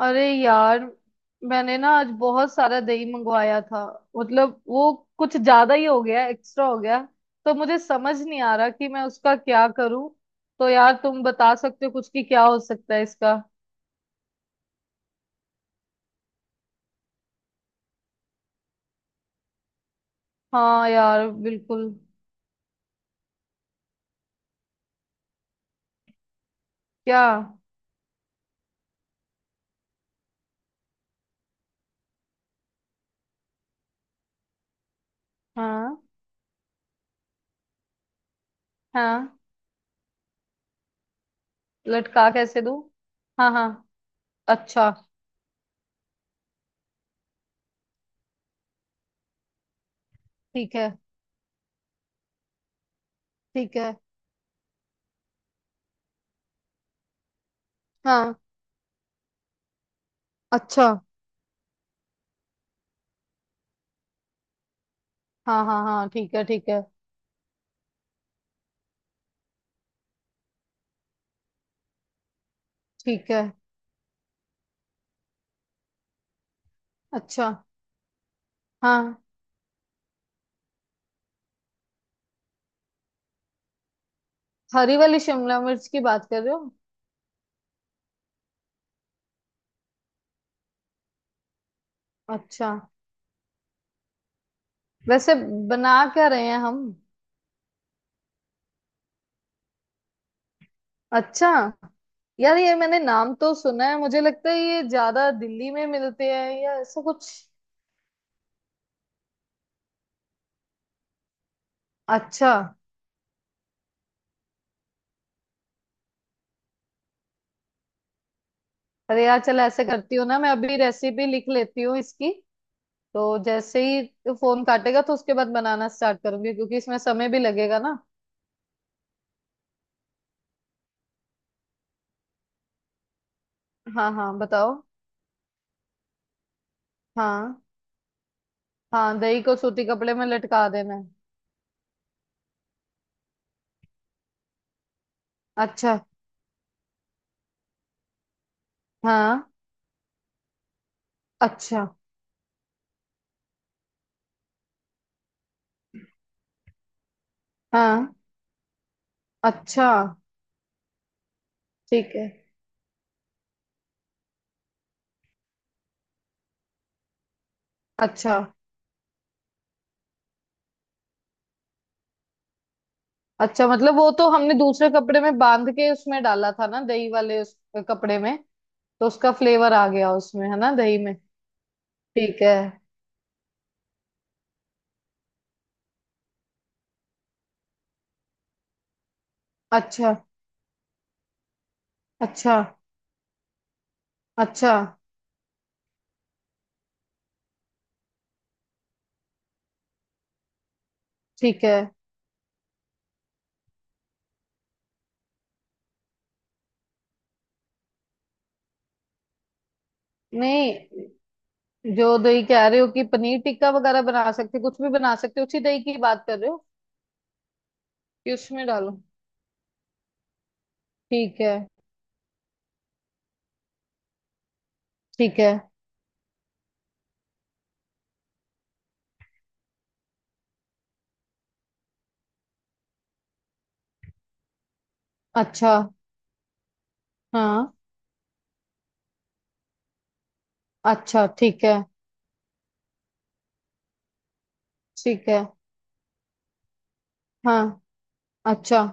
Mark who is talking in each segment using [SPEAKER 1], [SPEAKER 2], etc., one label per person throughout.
[SPEAKER 1] अरे यार, मैंने ना आज बहुत सारा दही मंगवाया था। मतलब वो कुछ ज्यादा ही हो गया, एक्स्ट्रा हो गया। तो मुझे समझ नहीं आ रहा कि मैं उसका क्या करूं। तो यार तुम बता सकते हो कुछ कि क्या हो सकता है इसका। हाँ यार, बिल्कुल। क्या? हाँ, हाँ। लटका कैसे दूं? हाँ हाँ। अच्छा। ठीक है, ठीक है। हाँ। अच्छा। हाँ हाँ हाँ, ठीक है, ठीक है। ठीक है। अच्छा। हाँ, हरी वाली शिमला मिर्च की बात कर रहे हो? अच्छा। वैसे बना क्या रहे हैं हम? अच्छा। यार ये मैंने नाम तो सुना है, मुझे लगता है ये ज्यादा दिल्ली में मिलते हैं या ऐसा कुछ। अच्छा। अरे यार चल, ऐसे करती हूँ ना, मैं अभी रेसिपी लिख लेती हूँ इसकी। तो जैसे ही फोन काटेगा तो उसके बाद बनाना स्टार्ट करूंगी, क्योंकि इसमें समय भी लगेगा ना। हाँ हाँ, बताओ। हाँ, हाँ दही को सूती कपड़े में लटका देना है। अच्छा। हाँ। अच्छा। हाँ। अच्छा। ठीक है। अच्छा। अच्छा मतलब वो तो हमने दूसरे कपड़े में बांध के उसमें डाला था ना, दही वाले उस कपड़े में। तो उसका फ्लेवर आ गया उसमें, है ना, दही में। ठीक है। अच्छा। अच्छा। अच्छा। ठीक है। नहीं, जो दही कह रहे हो कि पनीर टिक्का वगैरह बना सकते हो, कुछ भी बना सकते हो, उसी दही की बात कर रहे हो कि उसमें डालो? ठीक है। ठीक है। अच्छा। हाँ। अच्छा, ठीक है। ठीक है। हाँ। अच्छा।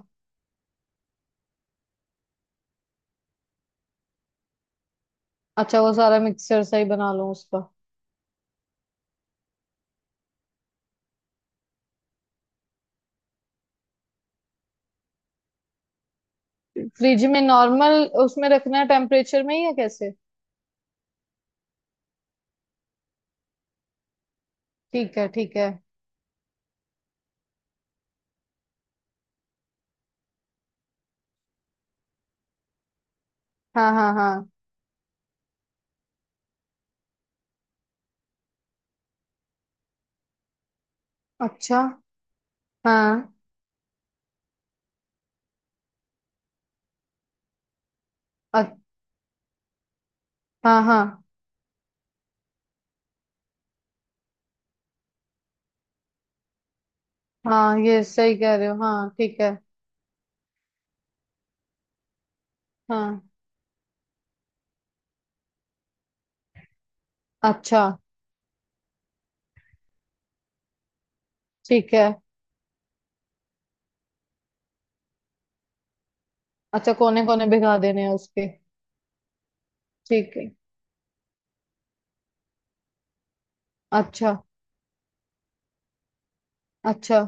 [SPEAKER 1] अच्छा वो सारा मिक्सचर सही बना लो उसका। फ्रिज में नॉर्मल उसमें रखना है टेम्परेचर में ही या कैसे? ठीक है, ठीक है। हाँ हाँ हाँ। अच्छा। हाँ। अ- हाँ हाँ, हाँ ये सही कह रहे हो, हाँ ठीक है। हाँ। अच्छा। ठीक है। अच्छा कोने कोने भिगा देने हैं उसके? ठीक है। अच्छा। अच्छा।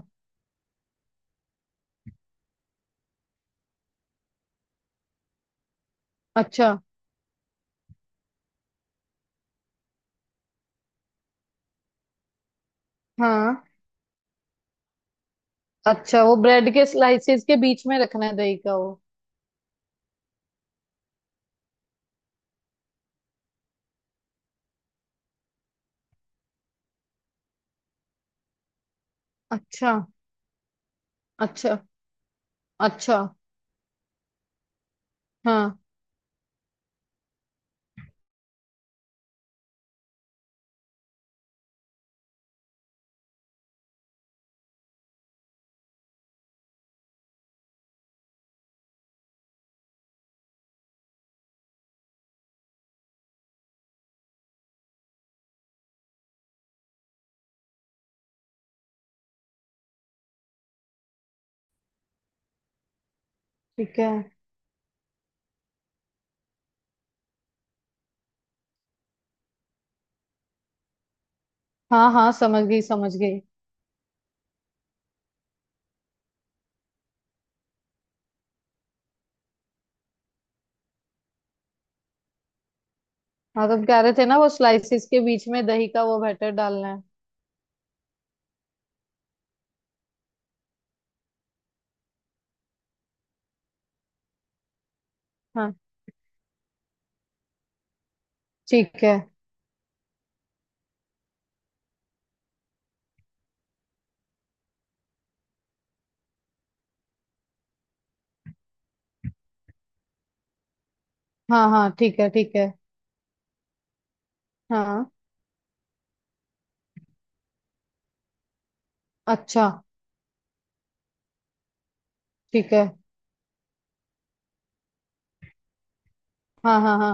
[SPEAKER 1] अच्छा। हाँ। अच्छा वो ब्रेड के स्लाइसेस के बीच में रखना है दही का वो। अच्छा। अच्छा। अच्छा। हाँ। ठीक है। हाँ हाँ, समझ गई, समझ गई। हाँ, तुम कह रहे थे ना वो स्लाइसिस के बीच में दही का वो बैटर डालना है। हाँ। ठीक है। हाँ हाँ, ठीक है, ठीक है। हाँ। अच्छा। ठीक है। हाँ हाँ हाँ,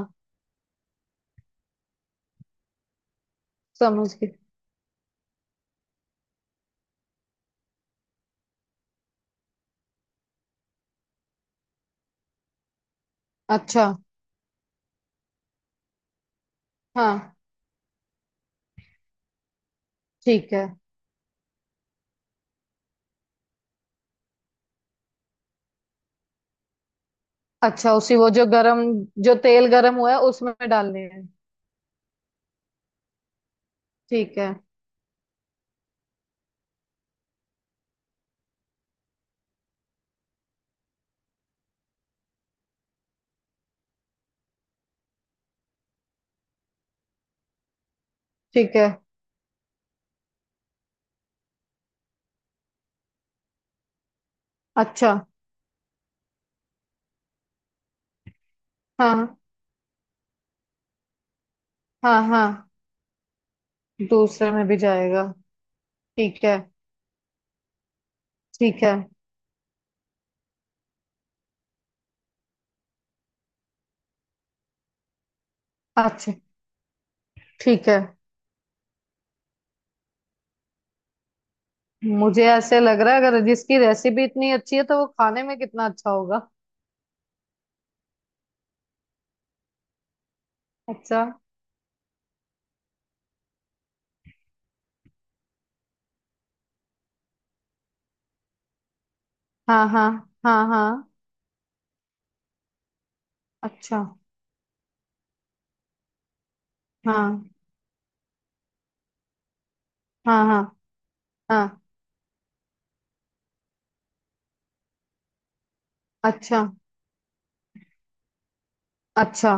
[SPEAKER 1] समझ गई। अच्छा। हाँ। ठीक है। अच्छा उसी वो जो गरम, जो तेल गरम हुआ है उसमें डालने हैं? ठीक है। ठीक है। अच्छा। हाँ हाँ हाँ। दूसरे में भी जाएगा। ठीक है। ठीक है। अच्छा। ठीक है। मुझे ऐसे लग रहा है, अगर जिसकी रेसिपी इतनी अच्छी है तो वो खाने में कितना अच्छा होगा। अच्छा। हाँ हाँ हाँ हाँ। अच्छा। हाँ हाँ हाँ हाँ। अच्छा। अच्छा।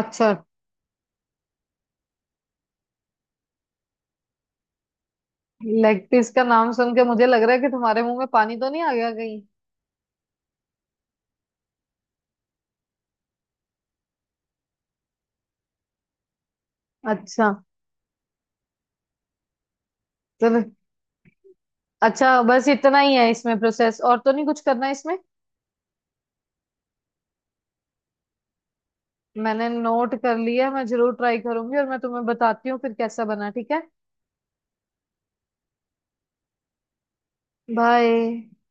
[SPEAKER 1] अच्छा। लेग पीस का नाम सुन के मुझे लग रहा है कि तुम्हारे मुंह में पानी तो नहीं आ गया कहीं। अच्छा। चलो। अच्छा बस इतना ही है इसमें प्रोसेस और तो नहीं कुछ करना है इसमें? मैंने नोट कर लिया, मैं जरूर ट्राई करूंगी और मैं तुम्हें बताती हूँ फिर कैसा बना, ठीक है। बाय।